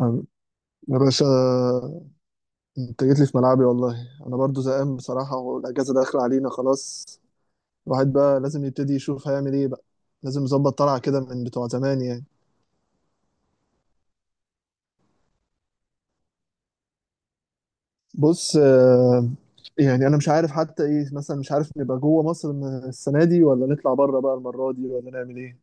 أم- يا باشا، انت جيت لي في ملعبي. والله انا برضو زهقان بصراحة، والاجازة داخلة علينا خلاص. الواحد بقى لازم يبتدي يشوف هيعمل ايه بقى، لازم يظبط طلعة كده من بتوع زمان يعني. بص، يعني انا مش عارف حتى ايه مثلا. مش عارف نبقى جوه مصر من السنة دي، ولا نطلع بره بقى المرة دي، ولا نعمل ايه.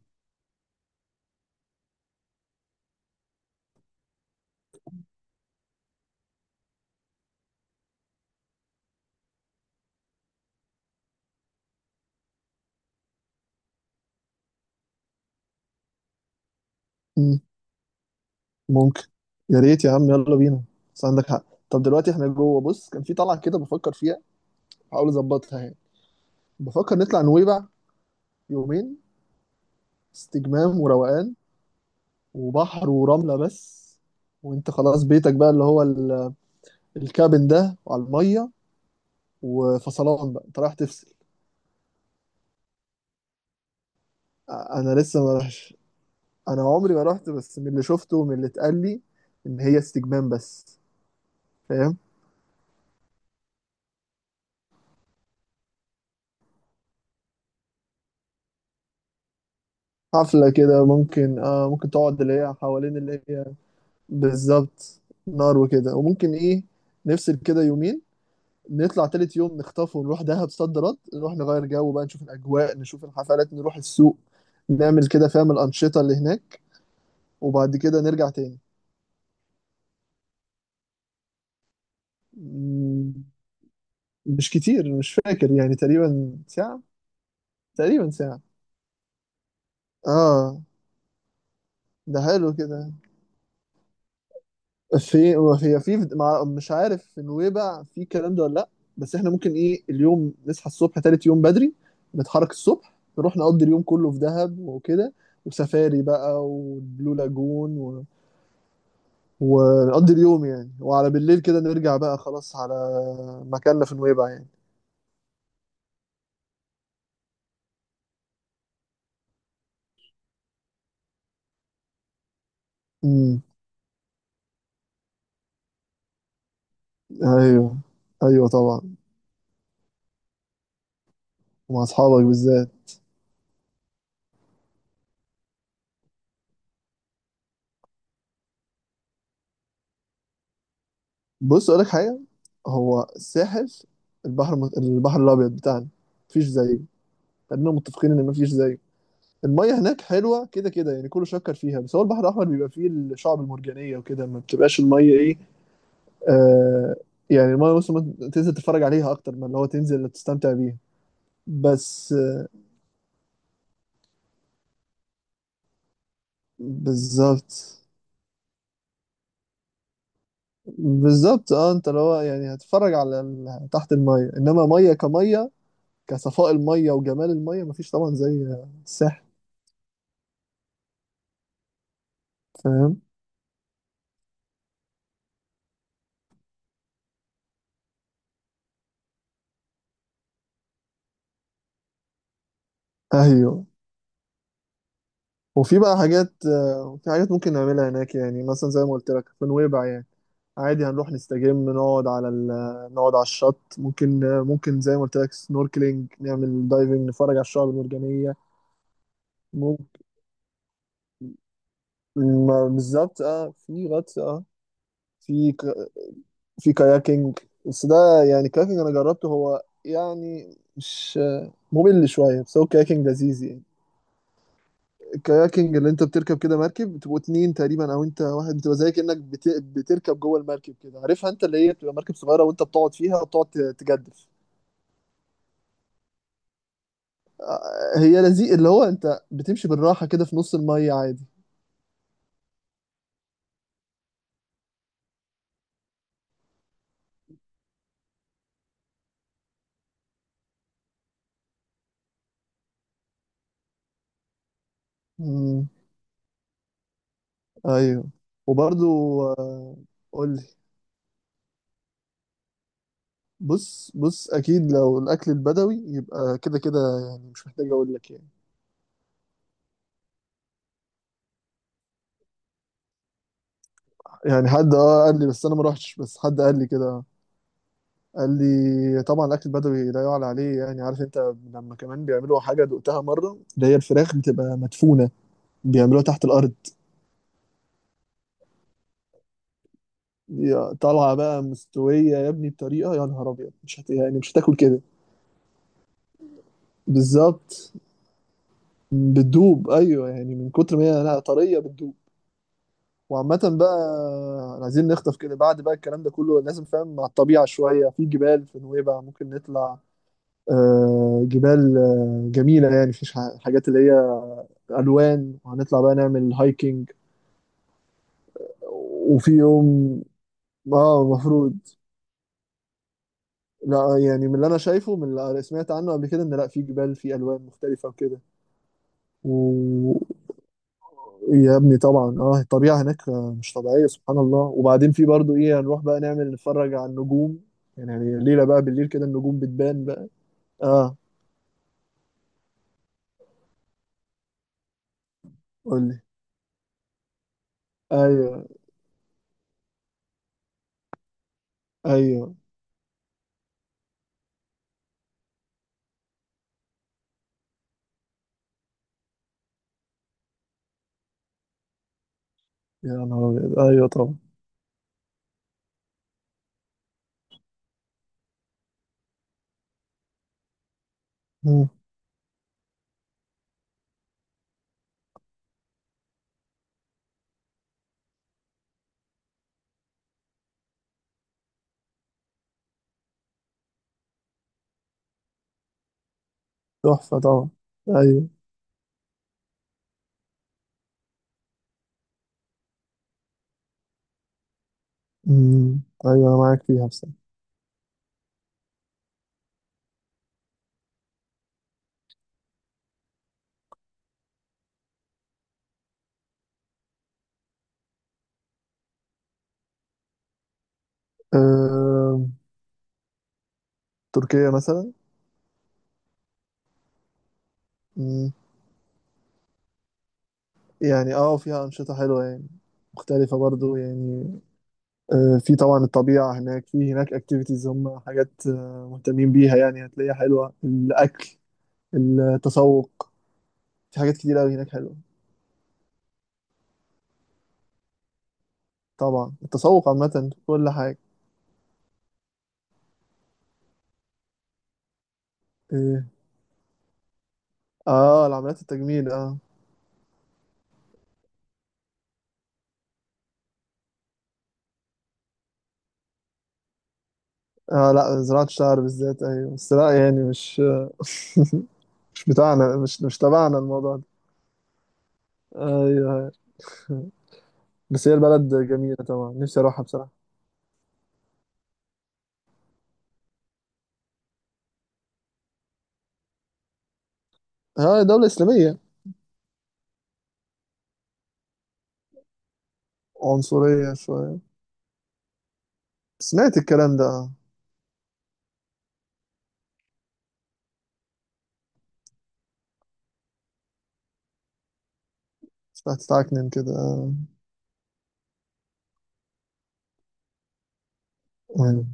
مم. ممكن. يا ريت يا عم، يلا بينا. بس عندك حق. طب دلوقتي احنا جوه، بص كان في طلعة كده بفكر فيها، بحاول اظبطها يعني. بفكر نطلع نويبع يومين، استجمام وروقان، وبحر ورملة بس. وانت خلاص بيتك بقى اللي هو الكابن ده، وعلى المية، وفصلان بقى انت رايح تفصل. انا لسه ما رحش، انا عمري ما رحت، بس من اللي شفته ومن اللي اتقال لي ان هي استجمام بس. فاهم. حفلة كده ممكن، ممكن تقعد، اللي هي حوالين اللي هي. بالظبط، نار وكده، وممكن ايه نفصل كده يومين. نطلع تالت يوم، نخطف ونروح دهب صد رد، نروح نغير جو بقى، نشوف الأجواء، نشوف الحفلات، نروح السوق، نعمل كده، فاهم الأنشطة اللي هناك، وبعد كده نرجع تاني. مم، مش كتير، مش فاكر يعني، تقريبا ساعة، تقريبا ساعة. اه، ده حلو كده. في هي في مع- مش عارف في نويبع في الكلام ده ولا لا. بس احنا ممكن ايه، اليوم نصحى الصبح تالت يوم بدري، نتحرك الصبح، نروح نقضي اليوم كله في دهب وكده، وسفاري بقى والبلو لاجون ونقضي اليوم يعني، وعلى بالليل كده نرجع بقى خلاص على مكاننا في نويبع يعني. امم ايوه، ايوه طبعا. ومع اصحابك بالذات. بص اقول لك حاجه، هو الساحل. البحر الابيض بتاعنا مفيش زيه. خلينا متفقين ان مفيش زيه. الميه هناك حلوه كده كده يعني، كله شكر فيها، بس هو البحر الاحمر بيبقى فيه الشعب المرجانيه وكده، ما بتبقاش الميه ايه. آه يعني الميه، بص، ما تنزل تتفرج عليها اكتر من اللي هو تنزل تستمتع بيها. بس. بالظبط. بالظبط اه، انت اللي هو يعني هتتفرج على تحت الميه، انما ميه كميه، كصفاء الميه وجمال الميه مفيش طبعا زي الساحل. فاهم. ايوه. وفي بقى حاجات، في حاجات ممكن نعملها هناك يعني، مثلا زي ما قلت لك في نويبع يعني. عادي هنروح نستجم، نقعد على نقعد على الشط ممكن، ممكن زي ما قلت لك سنوركلينج، نعمل دايفنج، نتفرج على الشعاب المرجانيه. ممكن، بالظبط اه، في غطس اه. في ك... في كاياكينج. بس ده يعني كاياكينج انا جربته، هو يعني مش ممل شويه، بس هو كاياكينج لذيذ يعني. الكاياكينج اللي انت بتركب كده مركب، بتبقوا اتنين تقريبا او انت واحد، بتبقى زي كأنك بتركب جوه المركب كده، عارفها انت اللي هي بتبقى مركب صغيرة، وانت بتقعد فيها، وبتقعد تجدف. هي لذيذ اللي هو انت بتمشي بالراحة كده في نص المية عادي. مم. ايوه. وبرضو. آه، قول لي. بص، بص اكيد لو الاكل البدوي يبقى كده كده يعني، مش محتاج اقول لك يعني. يعني حد قال لي، بس انا ما روحتش، بس حد قال لي كده. قال لي طبعا الاكل البدوي لا يعلى عليه يعني. عارف انت لما كمان بيعملوا حاجه دقتها مره، اللي هي الفراخ بتبقى مدفونه، بيعملوها تحت الارض. طالعه بقى مستويه يا ابني بطريقه، يا نهار ابيض، مش يعني مش هتاكل كده. بالظبط، بتدوب، ايوه، يعني من كتر ما هي لا طريه بتدوب. وعامة بقى، عايزين نخطف كده بعد بقى الكلام ده كله لازم فاهم، مع الطبيعة شوية، في جبال في نويبع ممكن نطلع، جبال جميلة يعني، مفيش حاجات اللي هي الوان، وهنطلع بقى نعمل هايكنج. وفي يوم اه المفروض، لا يعني من اللي انا شايفه، من اللي سمعت عنه قبل كده، ان لا في جبال في الوان مختلفه وكده. و يا ابني طبعا اه الطبيعه هناك، مش طبيعيه، سبحان الله. وبعدين في برضو ايه، هنروح بقى نعمل نتفرج على النجوم. يعني الليله بقى بالليل كده النجوم بتبان بقى. اه. قول لي. ايوه، ايوه، يا نهار ابيض، ايوه طبعا. مم. تحفه طبعا. ايوه. مم. ايوه انا معاك فيها بصراحه. آه، تركيا مثلا. مم. يعني فيها أنشطة حلوة يعني، مختلفة برضو يعني. في طبعا الطبيعة هناك، في هناك اكتيفيتيز، هم حاجات مهتمين بيها يعني، هتلاقيها حلوة. الأكل، التسوق، في حاجات كتير أوي هناك حلوة. طبعا التسوق عامة، في كل حاجة. إيه. اه، العمليات التجميل اه. اه لا، زراعة الشعر بالذات ايوه، بس لا يعني مش. مش بتاعنا مش تبعنا الموضوع ده. ايوه. أيوة. بس هي البلد جميلة طبعا، نفسي اروحها بصراحة. ها، دولة إسلامية. عنصرية شوية. سمعت الكلام ده آه. سمعت تعكنن كده آه. يعني.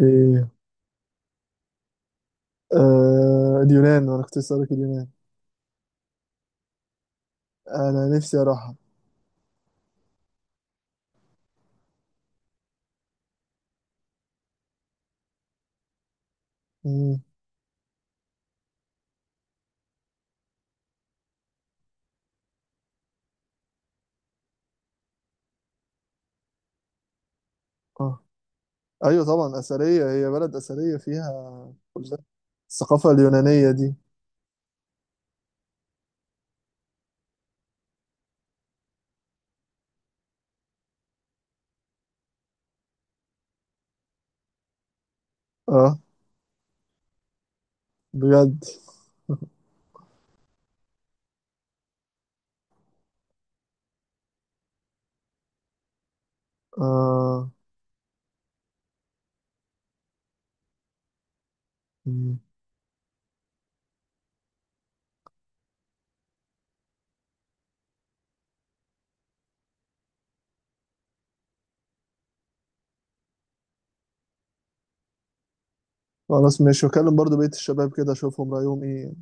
إيه. آه، اليونان. أنا كنت لسه لك اليونان. أنا نفسي أروحها. مم. آه. أيوة طبعا، أثرية، هي بلد أثرية فيها كل ده، الثقافة اليونانية دي. آه. بجد. آه. مم. خلاص ماشي، وأكلم برضو بقية الشباب كده أشوفهم رأيهم إيه.